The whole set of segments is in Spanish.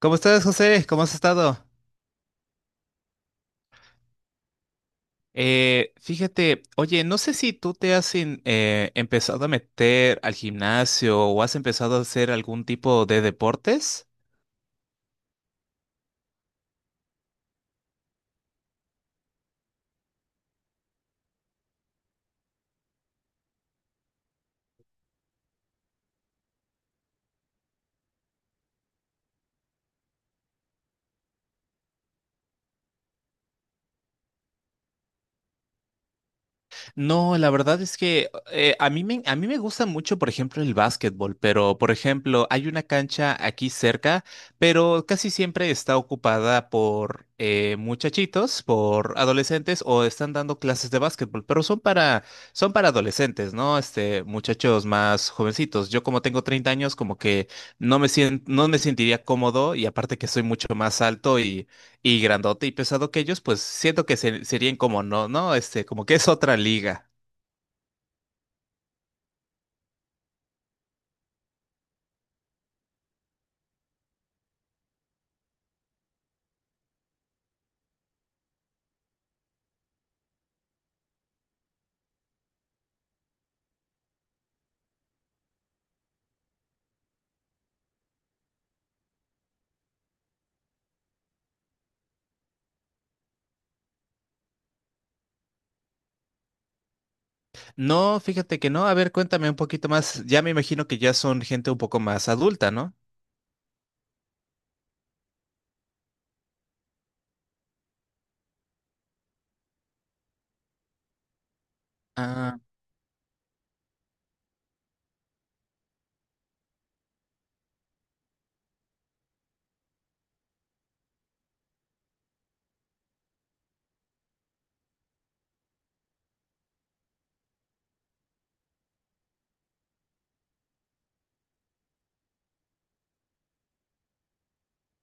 ¿Cómo estás, José? ¿Cómo has estado? Fíjate, oye, no sé si tú te has empezado a meter al gimnasio o has empezado a hacer algún tipo de deportes. No, la verdad es que a mí me gusta mucho, por ejemplo, el básquetbol, pero, por ejemplo, hay una cancha aquí cerca, pero casi siempre está ocupada por muchachitos, por adolescentes o están dando clases de básquetbol, pero son para adolescentes, ¿no? Este, muchachos más jovencitos. Yo como tengo 30 años, como que no me sentiría cómodo, y aparte que soy mucho más alto y grandote y pesado que ellos, pues siento que serían como no, ¿no? Este, como que es otra liga. No, fíjate que no. A ver, cuéntame un poquito más. Ya me imagino que ya son gente un poco más adulta, ¿no? Ah,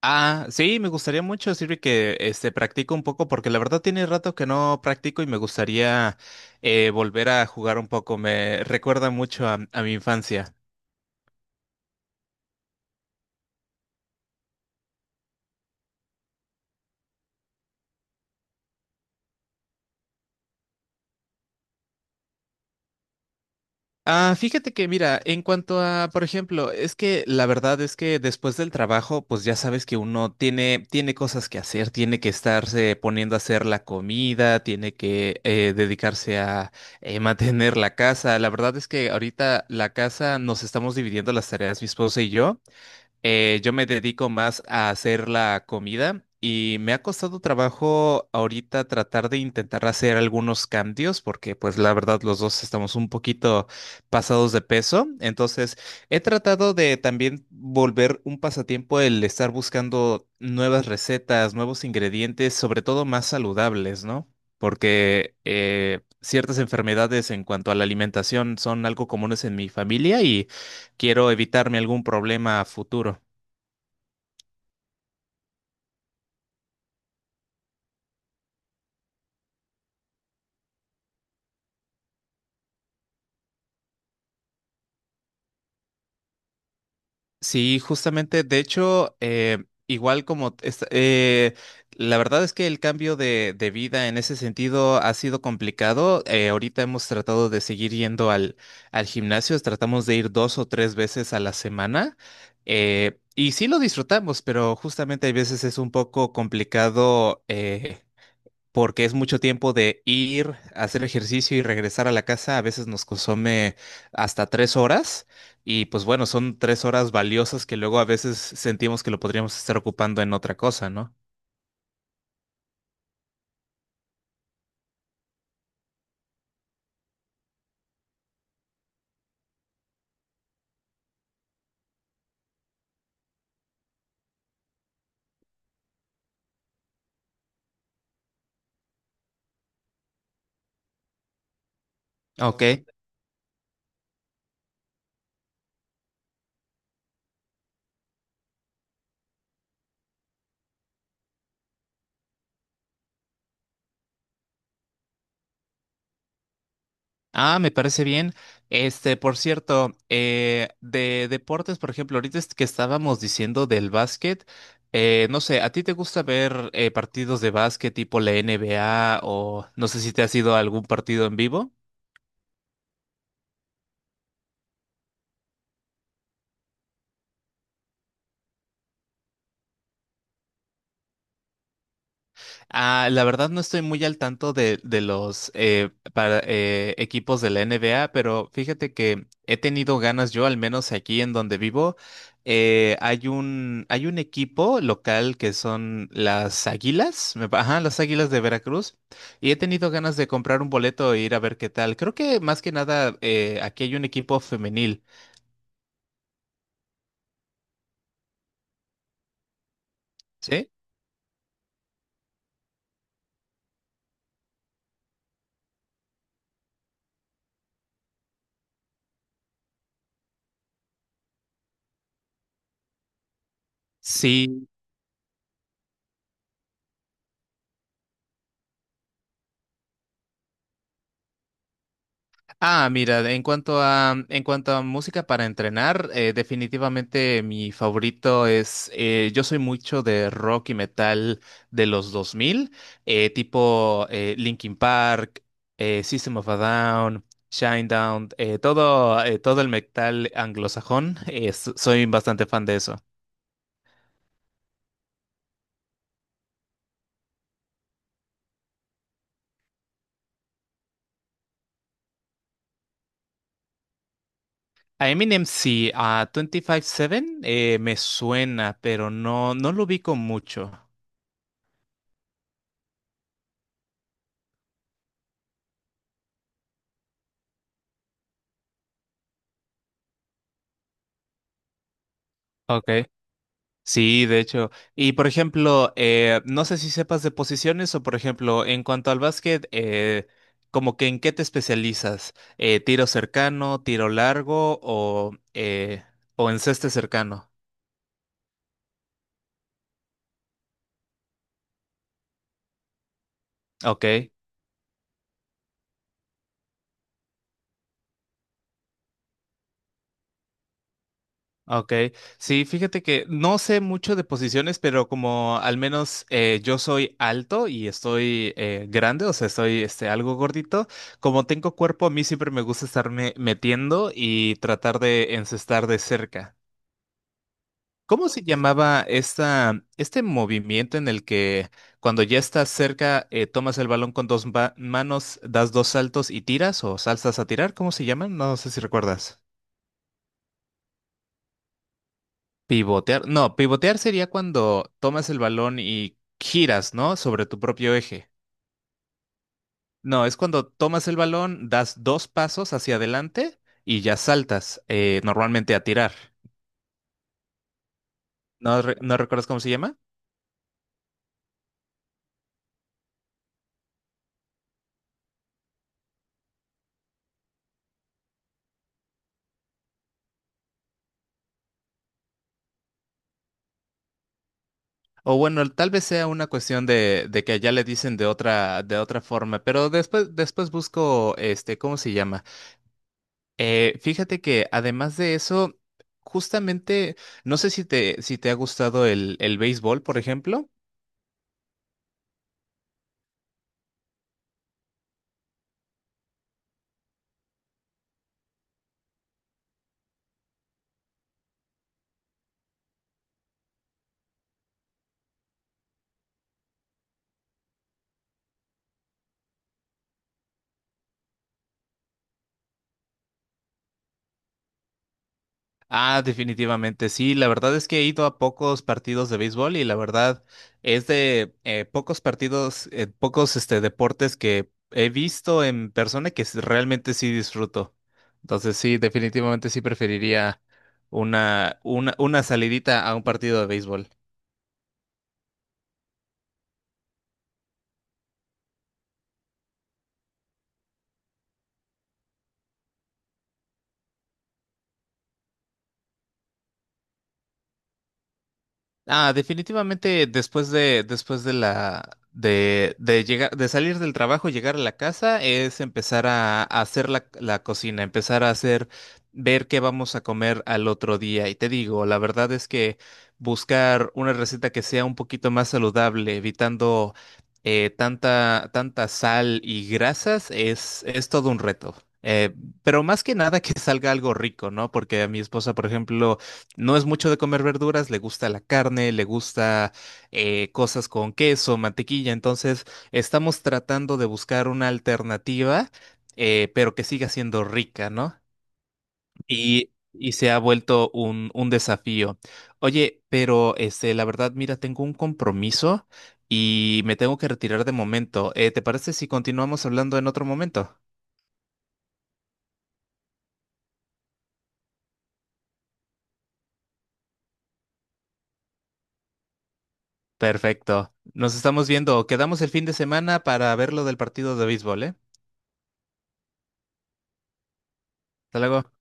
ah, sí, me gustaría mucho, Sirvi, que este practico un poco, porque la verdad tiene rato que no practico y me gustaría volver a jugar un poco. Me recuerda mucho a mi infancia. Ah, fíjate que mira, en cuanto a, por ejemplo, es que la verdad es que después del trabajo, pues ya sabes que uno tiene cosas que hacer, tiene que estarse poniendo a hacer la comida, tiene que dedicarse a mantener la casa. La verdad es que ahorita la casa nos estamos dividiendo las tareas, mi esposa y yo. Yo me dedico más a hacer la comida y me ha costado trabajo ahorita tratar de intentar hacer algunos cambios porque pues la verdad los dos estamos un poquito pasados de peso. Entonces he tratado de también volver un pasatiempo el estar buscando nuevas recetas, nuevos ingredientes, sobre todo más saludables, ¿no? Porque ciertas enfermedades en cuanto a la alimentación son algo comunes en mi familia, y quiero evitarme algún problema a futuro. Sí, justamente, de hecho, igual como, la verdad es que el cambio de vida en ese sentido ha sido complicado. Ahorita hemos tratado de seguir yendo al gimnasio, tratamos de ir 2 o 3 veces a la semana, y sí lo disfrutamos, pero justamente hay veces es un poco complicado, porque es mucho tiempo de ir, hacer ejercicio y regresar a la casa. A veces nos consume hasta 3 horas, y pues bueno, son 3 horas valiosas que luego a veces sentimos que lo podríamos estar ocupando en otra cosa, ¿no? Ok. Ah, me parece bien. Este, por cierto, de deportes, por ejemplo, ahorita es que estábamos diciendo del básquet, no sé, ¿a ti te gusta ver partidos de básquet tipo la NBA o no sé si te has ido a algún partido en vivo? Ah, la verdad no estoy muy al tanto de los equipos de la NBA, pero fíjate que he tenido ganas yo, al menos aquí en donde vivo, hay hay un equipo local que son las Águilas, ajá, las Águilas de Veracruz, y he tenido ganas de comprar un boleto e ir a ver qué tal. Creo que más que nada aquí hay un equipo femenil. ¿Sí? Sí. Ah, mira, en cuanto a música para entrenar, definitivamente mi favorito es, yo soy mucho de rock y metal de los 2000, tipo Linkin Park, System of a Down, Shinedown, todo el metal anglosajón, soy bastante fan de eso. A Eminem sí, a 25-7 me suena, pero no, no lo ubico mucho. Ok. Sí, de hecho. Y por ejemplo, no sé si sepas de posiciones o por ejemplo, en cuanto al básquet, como que en qué te especializas, tiro cercano, tiro largo o en ceste cercano. Ok, ok. Sí, fíjate que no sé mucho de posiciones, pero como al menos yo soy alto y estoy grande, o sea, estoy este, algo gordito, como tengo cuerpo, a mí siempre me gusta estarme metiendo y tratar de encestar de cerca. ¿Cómo se llamaba esta, este movimiento en el que cuando ya estás cerca, tomas el balón con dos manos, das dos saltos y tiras o saltas a tirar? ¿Cómo se llaman? No sé si recuerdas. Pivotear. No, pivotear sería cuando tomas el balón y giras, ¿no? Sobre tu propio eje. No, es cuando tomas el balón, das dos pasos hacia adelante y ya saltas, normalmente a tirar. ¿No, no recuerdas cómo se llama? O bueno, tal vez sea una cuestión de que allá le dicen de otra forma, pero después busco, este, ¿cómo se llama? Fíjate que además de eso, justamente, no sé si si te ha gustado el béisbol, por ejemplo. Ah, definitivamente, sí. La verdad es que he ido a pocos partidos de béisbol y la verdad es de pocos partidos, pocos este, deportes que he visto en persona que realmente sí disfruto. Entonces sí, definitivamente sí preferiría una salidita a un partido de béisbol. Ah, definitivamente después de la, de llegar, de salir del trabajo, llegar a la casa, es empezar a hacer la cocina, empezar a hacer, ver qué vamos a comer al otro día. Y te digo, la verdad es que buscar una receta que sea un poquito más saludable, evitando tanta sal y grasas, es todo un reto. Eh, pero más que nada que salga algo rico, ¿no? Porque a mi esposa, por ejemplo, no es mucho de comer verduras, le gusta la carne, le gusta cosas con queso, mantequilla. Entonces, estamos tratando de buscar una alternativa, pero que siga siendo rica, ¿no? Y se ha vuelto un desafío. Oye, pero este, la verdad, mira, tengo un compromiso y me tengo que retirar de momento. ¿Te parece si continuamos hablando en otro momento? Perfecto. Nos estamos viendo. Quedamos el fin de semana para ver lo del partido de béisbol, ¿eh? Hasta luego.